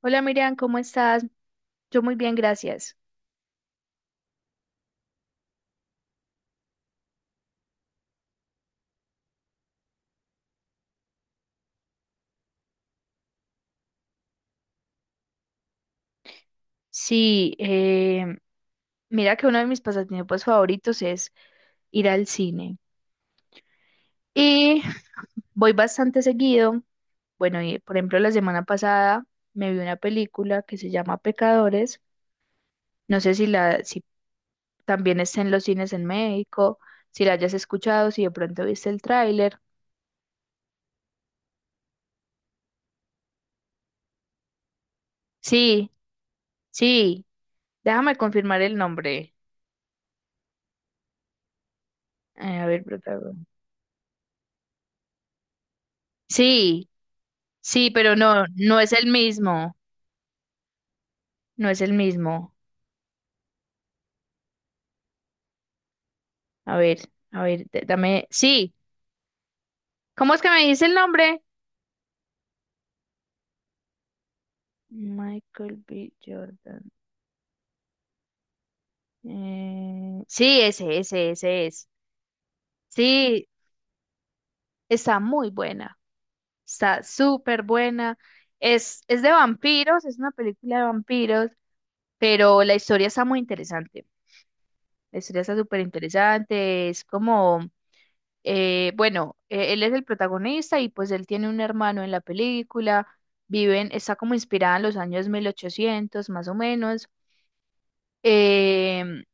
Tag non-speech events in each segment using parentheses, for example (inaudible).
Hola Miriam, ¿cómo estás? Yo muy bien, gracias. Sí, mira que uno de mis pasatiempos favoritos es ir al cine. Y voy bastante seguido. Bueno, y por ejemplo, la semana pasada me vi una película que se llama Pecadores. No sé si también está en los cines en México, si la hayas escuchado, si de pronto viste el tráiler. Sí, sí, déjame confirmar el nombre. A ver, protagonista. Sí, sí, pero no, no es el mismo. No es el mismo. A ver, a ver, dame. Sí, ¿cómo es que me dice el nombre? Michael B. Jordan. Sí, ese es. Sí, está muy buena. Está súper buena. Es de vampiros, es una película de vampiros, pero la historia está muy interesante. La historia está súper interesante. Es como Bueno, él es el protagonista y pues él tiene un hermano en la película, viven, está como inspirada en los años 1800 más o menos. Em,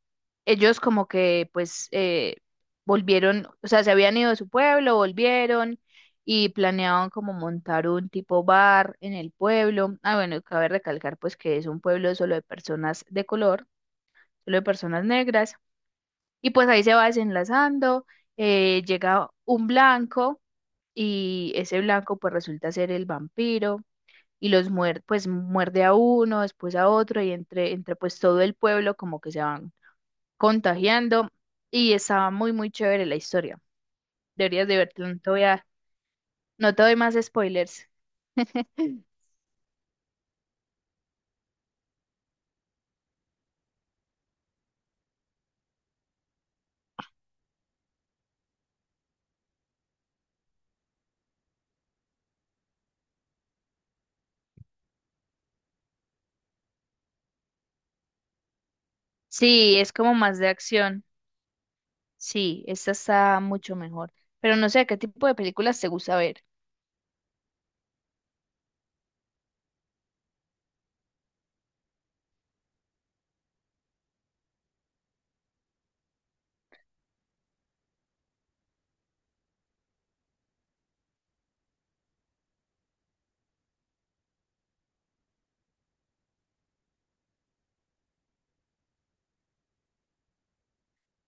Ellos como que pues volvieron, o sea, se habían ido de su pueblo, volvieron y planeaban como montar un tipo bar en el pueblo. Ah, bueno, cabe recalcar pues que es un pueblo solo de personas de color, solo de personas negras. Y pues ahí se va desenlazando, llega un blanco y ese blanco pues resulta ser el vampiro y los muerde, pues muerde a uno, después a otro y entre pues todo el pueblo como que se van contagiando y estaba muy muy chévere la historia. Deberías de verlo, no te doy más spoilers. Sí, es como más de acción. Sí, esta está mucho mejor. Pero no sé, ¿qué tipo de películas te gusta ver?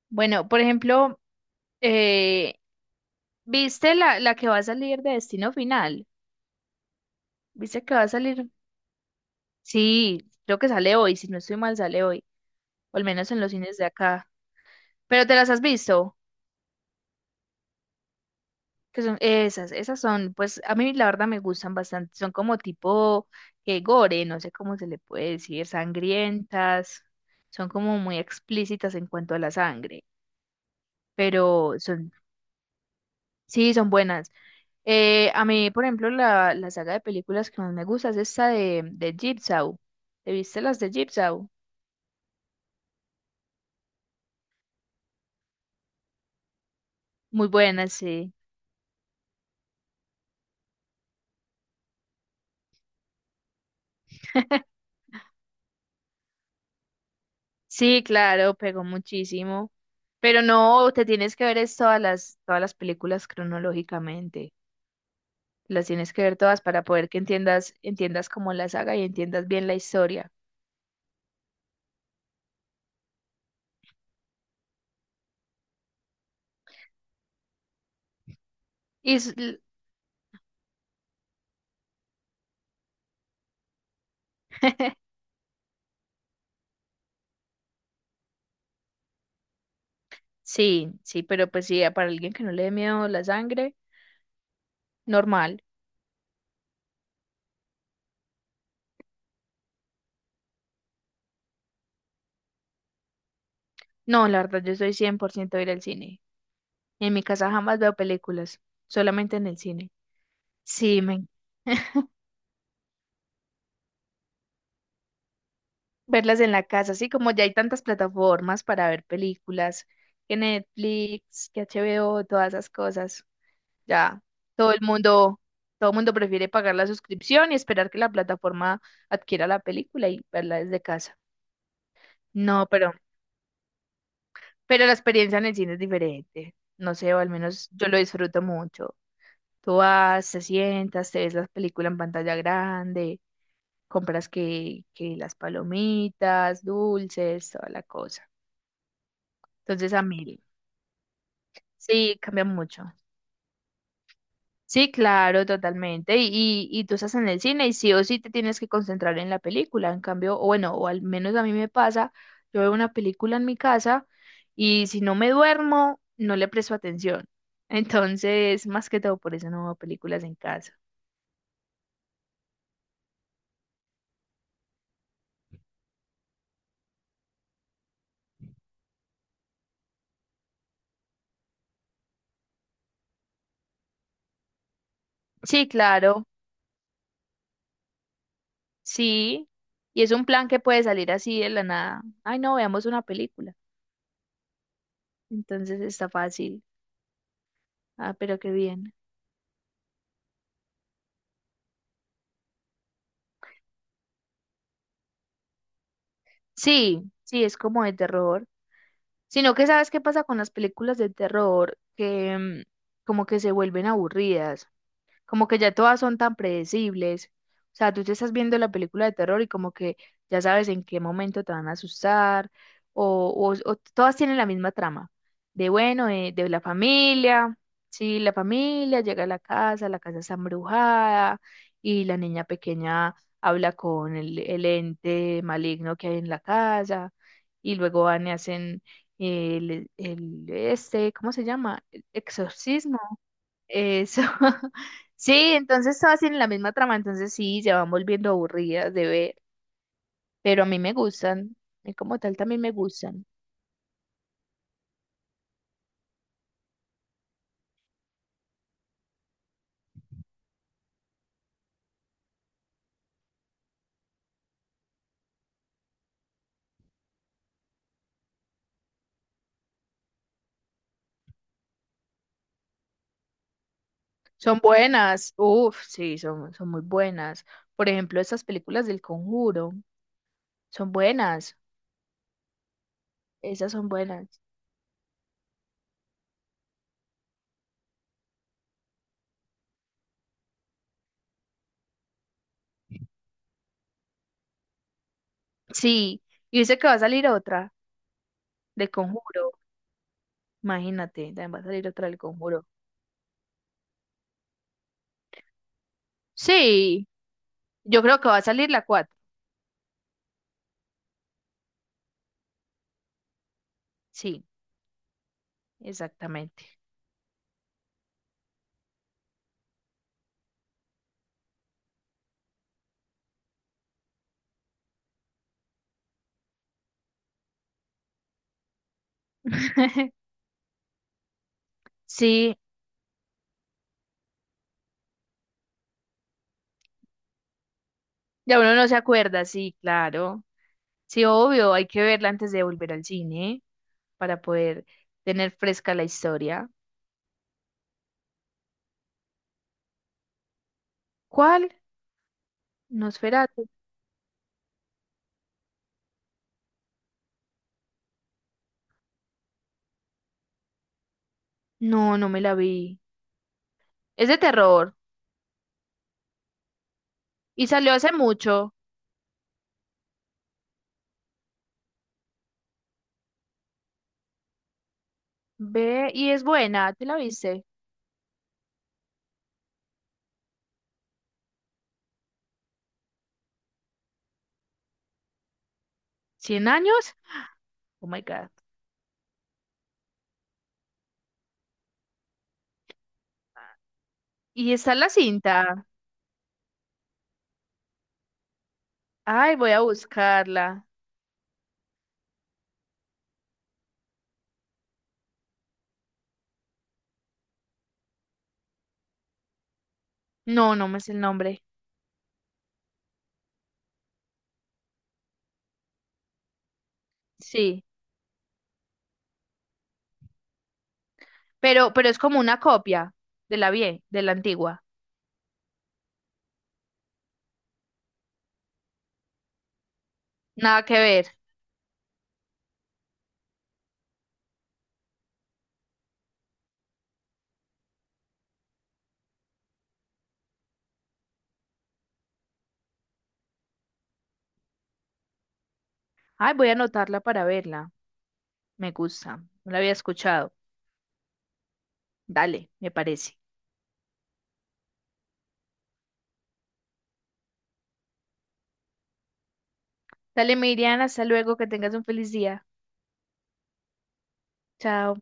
Bueno, por ejemplo, eh, ¿viste la que va a salir de Destino Final? ¿Viste que va a salir? Sí, creo que sale hoy, si no estoy mal, sale hoy, o al menos en los cines de acá. Pero te las has visto, que son esas, pues a mí la verdad me gustan bastante, son como tipo gore, no sé cómo se le puede decir, sangrientas, son como muy explícitas en cuanto a la sangre, pero son, sí, son buenas. A mí, por ejemplo, la saga de películas que más me gusta es esta de Jigsaw. ¿Te viste las de Jigsaw? Muy buenas, sí. Sí, claro, pegó muchísimo. Pero no, te tienes que ver es todas las películas cronológicamente. Las tienes que ver todas para poder que entiendas como la saga y entiendas bien la historia. Y s- l- (laughs) sí, sí, pero pues sí, para alguien que no le dé miedo la sangre, normal. No, la verdad, yo soy 100% de ir al cine. En mi casa jamás veo películas, solamente en el cine. Sí, me verlas en la casa, así como ya hay tantas plataformas para ver películas, que Netflix, que HBO, todas esas cosas. Ya todo el mundo, todo el mundo prefiere pagar la suscripción y esperar que la plataforma adquiera la película y verla desde casa. No, pero la experiencia en el cine es diferente. No sé, o al menos yo lo disfruto mucho. Tú vas, te sientas, te ves la película en pantalla grande, compras que las palomitas, dulces, toda la cosa. Entonces a mí, Sí, cambia mucho. Sí, claro, totalmente. Y tú estás en el cine y sí o sí te tienes que concentrar en la película. En cambio, o bueno, o al menos a mí me pasa, yo veo una película en mi casa y si no me duermo, no le presto atención. (laughs) Entonces, más que todo, por eso no veo películas en casa. Sí, claro, sí. Y es un plan que puede salir así de la nada. Ay, no, veamos una película. Entonces está fácil. Ah, pero qué bien. Sí, sí, es como de terror. Sino que sabes qué pasa con las películas de terror, que como que se vuelven aburridas como que ya todas son tan predecibles. O sea, tú te estás viendo la película de terror y como que ya sabes en qué momento te van a asustar, o, o todas tienen la misma trama, de bueno, de la familia, sí, la familia llega a la casa está embrujada y la niña pequeña habla con el ente maligno que hay en la casa y luego van y hacen el este, ¿cómo se llama? Exorcismo eso. (laughs) Sí, entonces todas tienen la misma trama, entonces sí, se van volviendo aburridas de ver, pero a mí me gustan, y como tal también me gustan. Son buenas, uff, sí, son muy buenas. Por ejemplo, esas películas del Conjuro, son buenas, esas son buenas. Sí, y dice que va a salir otra del Conjuro, imagínate, también va a salir otra del Conjuro. Sí, yo creo que va a salir la cuatro, sí, exactamente. (laughs) Sí, ya uno no se acuerda, sí, claro. Sí, obvio, hay que verla antes de volver al cine para poder tener fresca la historia. ¿Cuál? Nosferatu. No, no me la vi. Es de terror y salió hace mucho. Ve y es buena, ¿te la viste? ¿100 años? Oh my God. Y está la cinta. Ay, voy a buscarla. No, no me es el nombre. Sí, pero es como una copia de la antigua. Nada que ver. Ay, voy a anotarla para verla. Me gusta. No la había escuchado. Dale, me parece. Dale, Miriam, hasta luego, que tengas un feliz día. Chao.